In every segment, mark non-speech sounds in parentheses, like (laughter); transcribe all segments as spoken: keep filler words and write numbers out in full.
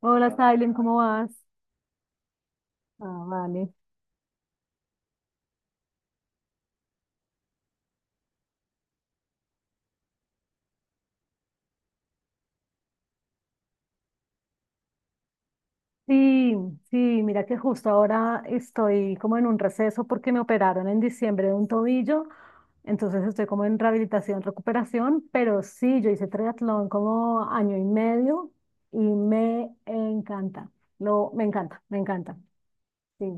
Hola, Silent, ¿cómo vas? Ah, vale. Sí, sí, mira que justo ahora estoy como en un receso porque me operaron en diciembre de un tobillo, entonces estoy como en rehabilitación, recuperación, pero sí, yo hice triatlón como año y medio y me encanta, lo, me encanta, me encanta, sí.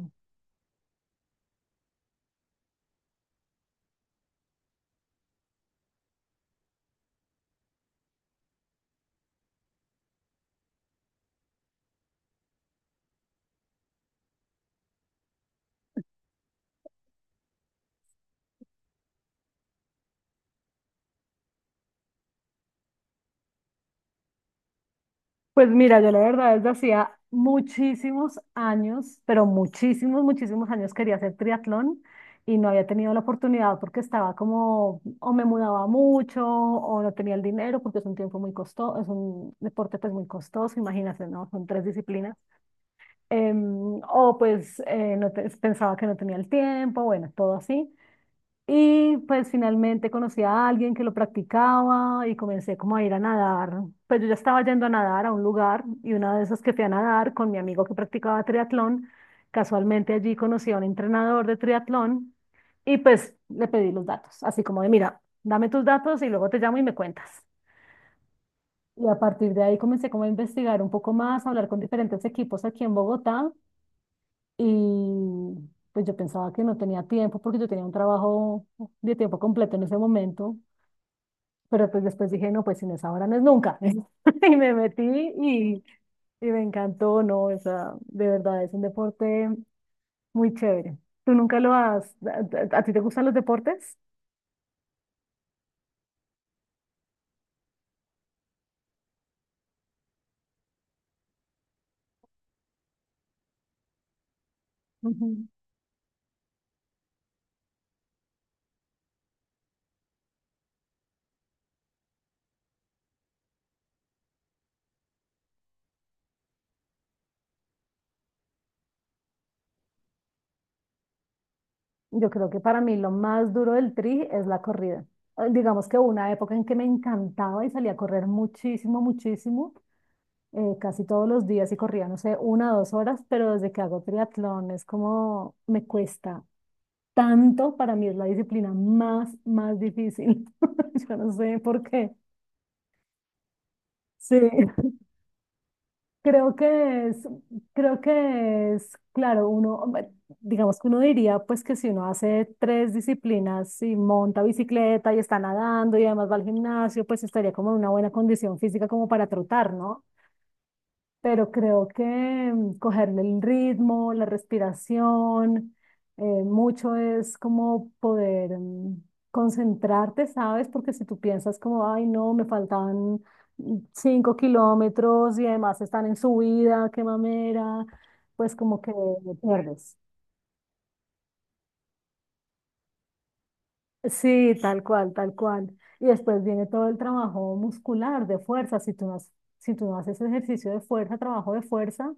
Pues mira, yo la verdad desde hacía muchísimos años, pero muchísimos, muchísimos años quería hacer triatlón y no había tenido la oportunidad porque estaba como, o me mudaba mucho o no tenía el dinero porque es un tiempo muy costoso, es un deporte pues muy costoso, imagínate, ¿no? Son tres disciplinas. Em, o pues eh, no te- pensaba que no tenía el tiempo, bueno, todo así. Y pues finalmente conocí a alguien que lo practicaba y comencé como a ir a nadar. Pues yo ya estaba yendo a nadar a un lugar y una de esas que fui a nadar con mi amigo que practicaba triatlón, casualmente allí conocí a un entrenador de triatlón y pues le pedí los datos, así como de, mira, dame tus datos y luego te llamo y me cuentas. Y a partir de ahí comencé como a investigar un poco más, a hablar con diferentes equipos aquí en Bogotá y pues yo pensaba que no tenía tiempo porque yo tenía un trabajo de tiempo completo en ese momento, pero pues después dije, no, pues si no es ahora, no es nunca. (laughs) Y me metí y, y me encantó, no, o sea, de verdad es un deporte muy chévere. ¿Tú nunca lo has, a, a- a ti te gustan los deportes? Ujú. Yo creo que para mí lo más duro del tri es la corrida. Eh, Digamos que hubo una época en que me encantaba y salía a correr muchísimo, muchísimo eh, casi todos los días y corría, no sé, una o dos horas, pero desde que hago triatlón es como me cuesta tanto, para mí es la disciplina más, más difícil. (laughs) Yo no sé por qué. Sí, creo que es, creo que es, claro, uno, hombre, digamos que uno diría pues que si uno hace tres disciplinas y monta bicicleta y está nadando y además va al gimnasio, pues estaría como en una buena condición física como para trotar, ¿no? Pero creo que mm, cogerle el ritmo, la respiración, eh, mucho es como poder mm, concentrarte, ¿sabes? Porque si tú piensas como, ay, no, me faltan mm, cinco kilómetros y además están en subida, qué mamera, pues como que te pierdes. Sí, tal cual, tal cual. Y después viene todo el trabajo muscular de fuerza. Si tú no, has- si tú no haces ejercicio de fuerza, trabajo de fuerza,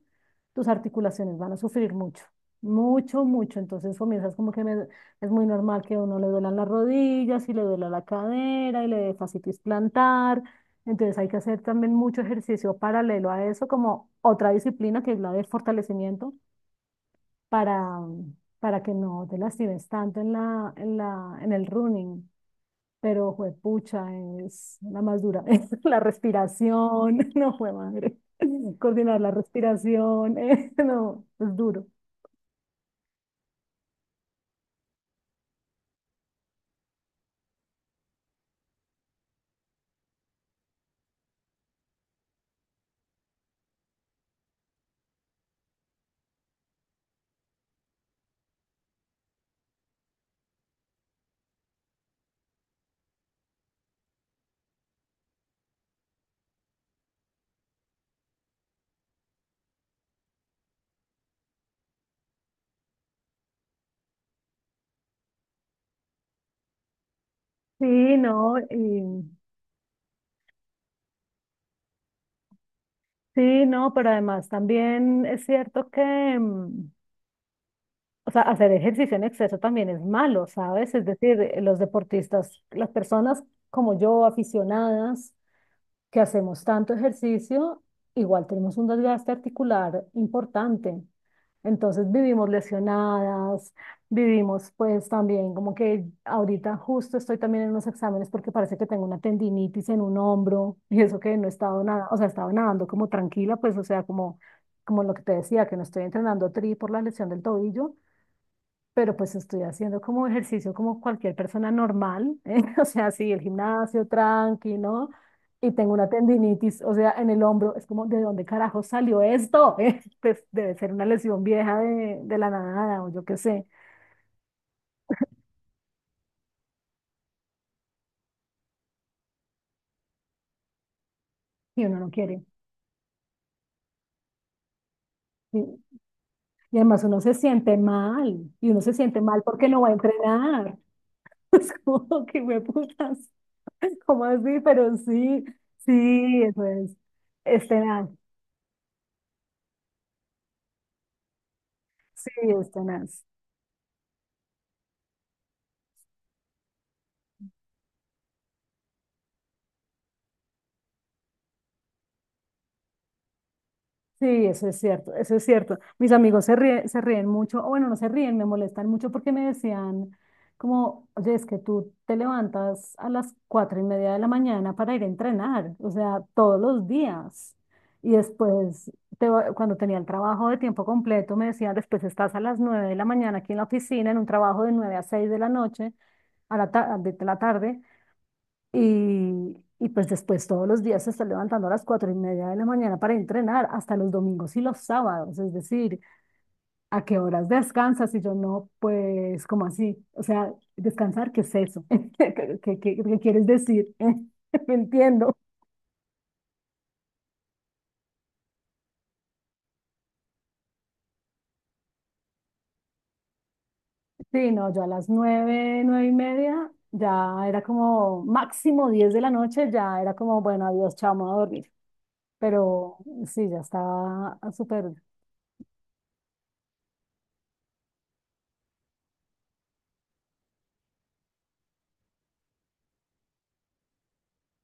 tus articulaciones van a sufrir mucho, mucho, mucho. Entonces comienzas como que me- es muy normal que a uno le duelan las rodillas y le duela la cadera y le dé fascitis plantar. Entonces hay que hacer también mucho ejercicio paralelo a eso, como otra disciplina que es la de fortalecimiento para, para que no te lastimes tanto en la, en la, en el running, pero juepucha, es la más dura. (laughs) La respiración, (laughs) no fue madre. Coordinar la respiración, (laughs) no, es duro. Sí, no, y sí, no, pero además también es cierto que, mm, o sea, hacer ejercicio en exceso también es malo, ¿sabes? Es decir, eh, los deportistas, las personas como yo, aficionadas, que hacemos tanto ejercicio, igual tenemos un desgaste articular importante. Entonces vivimos lesionadas, vivimos pues también como que ahorita justo estoy también en unos exámenes porque parece que tengo una tendinitis en un hombro (laughs) y eso que no he estado nada, o sea, he estado nadando como tranquila, pues o sea, como, como lo que te decía, que no estoy entrenando tri por la lesión del tobillo, pero pues estoy haciendo como ejercicio como cualquier persona normal, (laughs) ¿eh? O sea, sí, el gimnasio tranqui, ¿no? Y tengo una tendinitis, o sea, en el hombro, es como, ¿de dónde carajo salió esto? (laughs) ¿Eh? Pues debe ser una lesión vieja de, de la nada o yo qué sé, y uno no quiere. Y, y además uno se siente mal, y uno se siente mal porque no va a entrenar. (laughs) Es como que me putas, ¿cómo así? Pero sí, sí, eso es, es tenaz, sí, es tenaz. Sí, eso es cierto, eso es cierto. Mis amigos se ríen, se ríen mucho, o bueno, no se ríen, me molestan mucho porque me decían como, oye, es que tú te levantas a las cuatro y media de la mañana para ir a entrenar, o sea, todos los días. Y después, te va- cuando tenía el trabajo de tiempo completo, me decían, después estás a las nueve de la mañana aquí en la oficina, en un trabajo de nueve a seis de la noche, a la ta- de la tarde. Y, y pues después todos los días se está levantando a las cuatro y media de la mañana para entrenar, hasta los domingos y los sábados. Es decir, ¿a qué horas descansas? Y yo no, pues, ¿cómo así? O sea, ¿descansar qué es eso? (laughs) ¿Qué, qué- qué- qué quieres decir? (laughs) No entiendo. Sí, no, yo a las nueve, nueve y media ya era como máximo diez de la noche, ya era como, bueno, adiós, chao, me voy a dormir. Pero sí, ya estaba súper.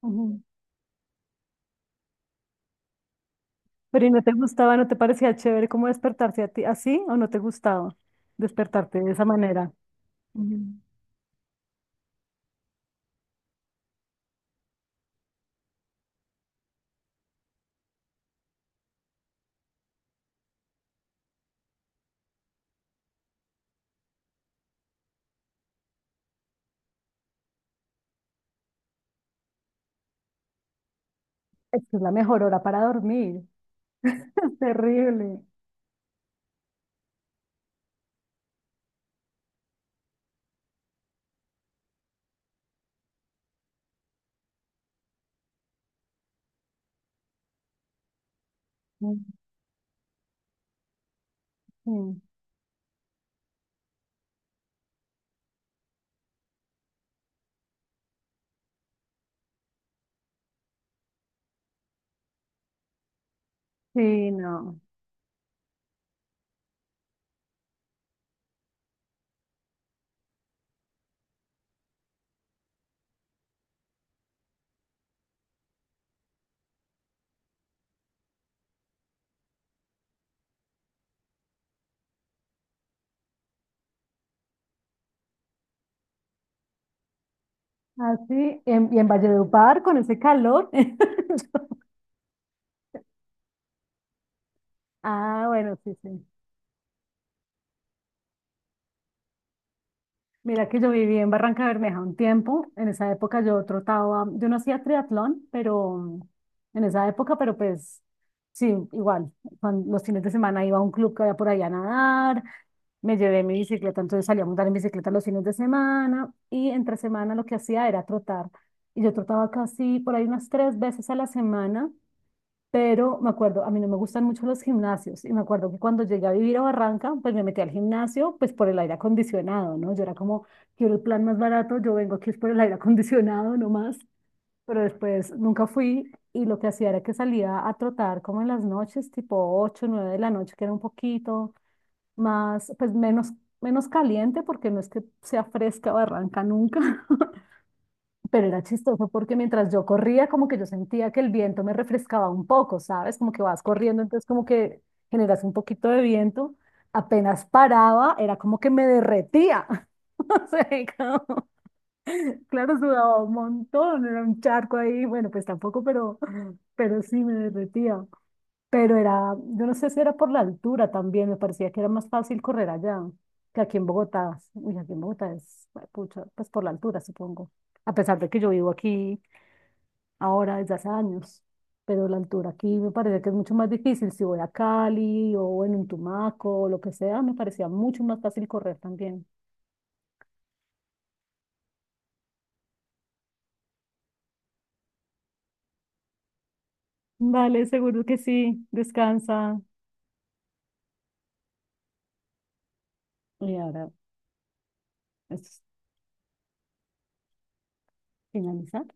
Ujú. Pero ¿y no te gustaba, no te parecía chévere cómo despertarse a ti así o no te gustaba despertarte de esa manera? Mm. Es que es la mejor hora para dormir. (laughs) Es terrible. Mm, mm. Sí, no. Así, en- y en Valledupar con ese calor. (laughs) Ah, bueno, sí, sí. Mira que yo viví en Barranca Bermeja un tiempo. En esa época yo trotaba, yo no hacía triatlón, pero en esa época, pero pues sí, igual. Cuan- los fines de semana iba a un club que había por allá a nadar, me llevé mi bicicleta, entonces salía a montar en bicicleta los fines de semana y entre semana lo que hacía era trotar. Y yo trotaba casi por ahí unas tres veces a la semana, pero me acuerdo, a mí no me gustan mucho los gimnasios y me acuerdo que cuando llegué a vivir a Barranca, pues me metí al gimnasio pues por el aire acondicionado, ¿no? Yo era como, quiero el plan más barato, yo vengo aquí es por el aire acondicionado nomás, pero después nunca fui. Y lo que hacía era que salía a trotar como en las noches, tipo ocho nueve de la noche, que era un poquito, más, pues menos, menos caliente porque no es que sea fresca o arranca nunca, (laughs) pero era chistoso porque mientras yo corría como que yo sentía que el viento me refrescaba un poco, ¿sabes? Como que vas corriendo, entonces como que generas un poquito de viento, apenas paraba, era como que me derretía. (laughs) O sea, como- (laughs) claro, sudaba un montón, era un charco ahí, bueno, pues tampoco, pero, pero sí me derretía. Pero era, yo no sé si era por la altura también, me parecía que era más fácil correr allá que aquí en Bogotá. Uy, aquí en Bogotá es, pucha, pues por la altura, supongo. A pesar de que yo vivo aquí ahora desde hace años, pero la altura aquí me parece que es mucho más difícil. Si voy a Cali o en un Tumaco o lo que sea, me parecía mucho más fácil correr también. Vale, seguro que sí. Descansa. Y ahora, es finalizar.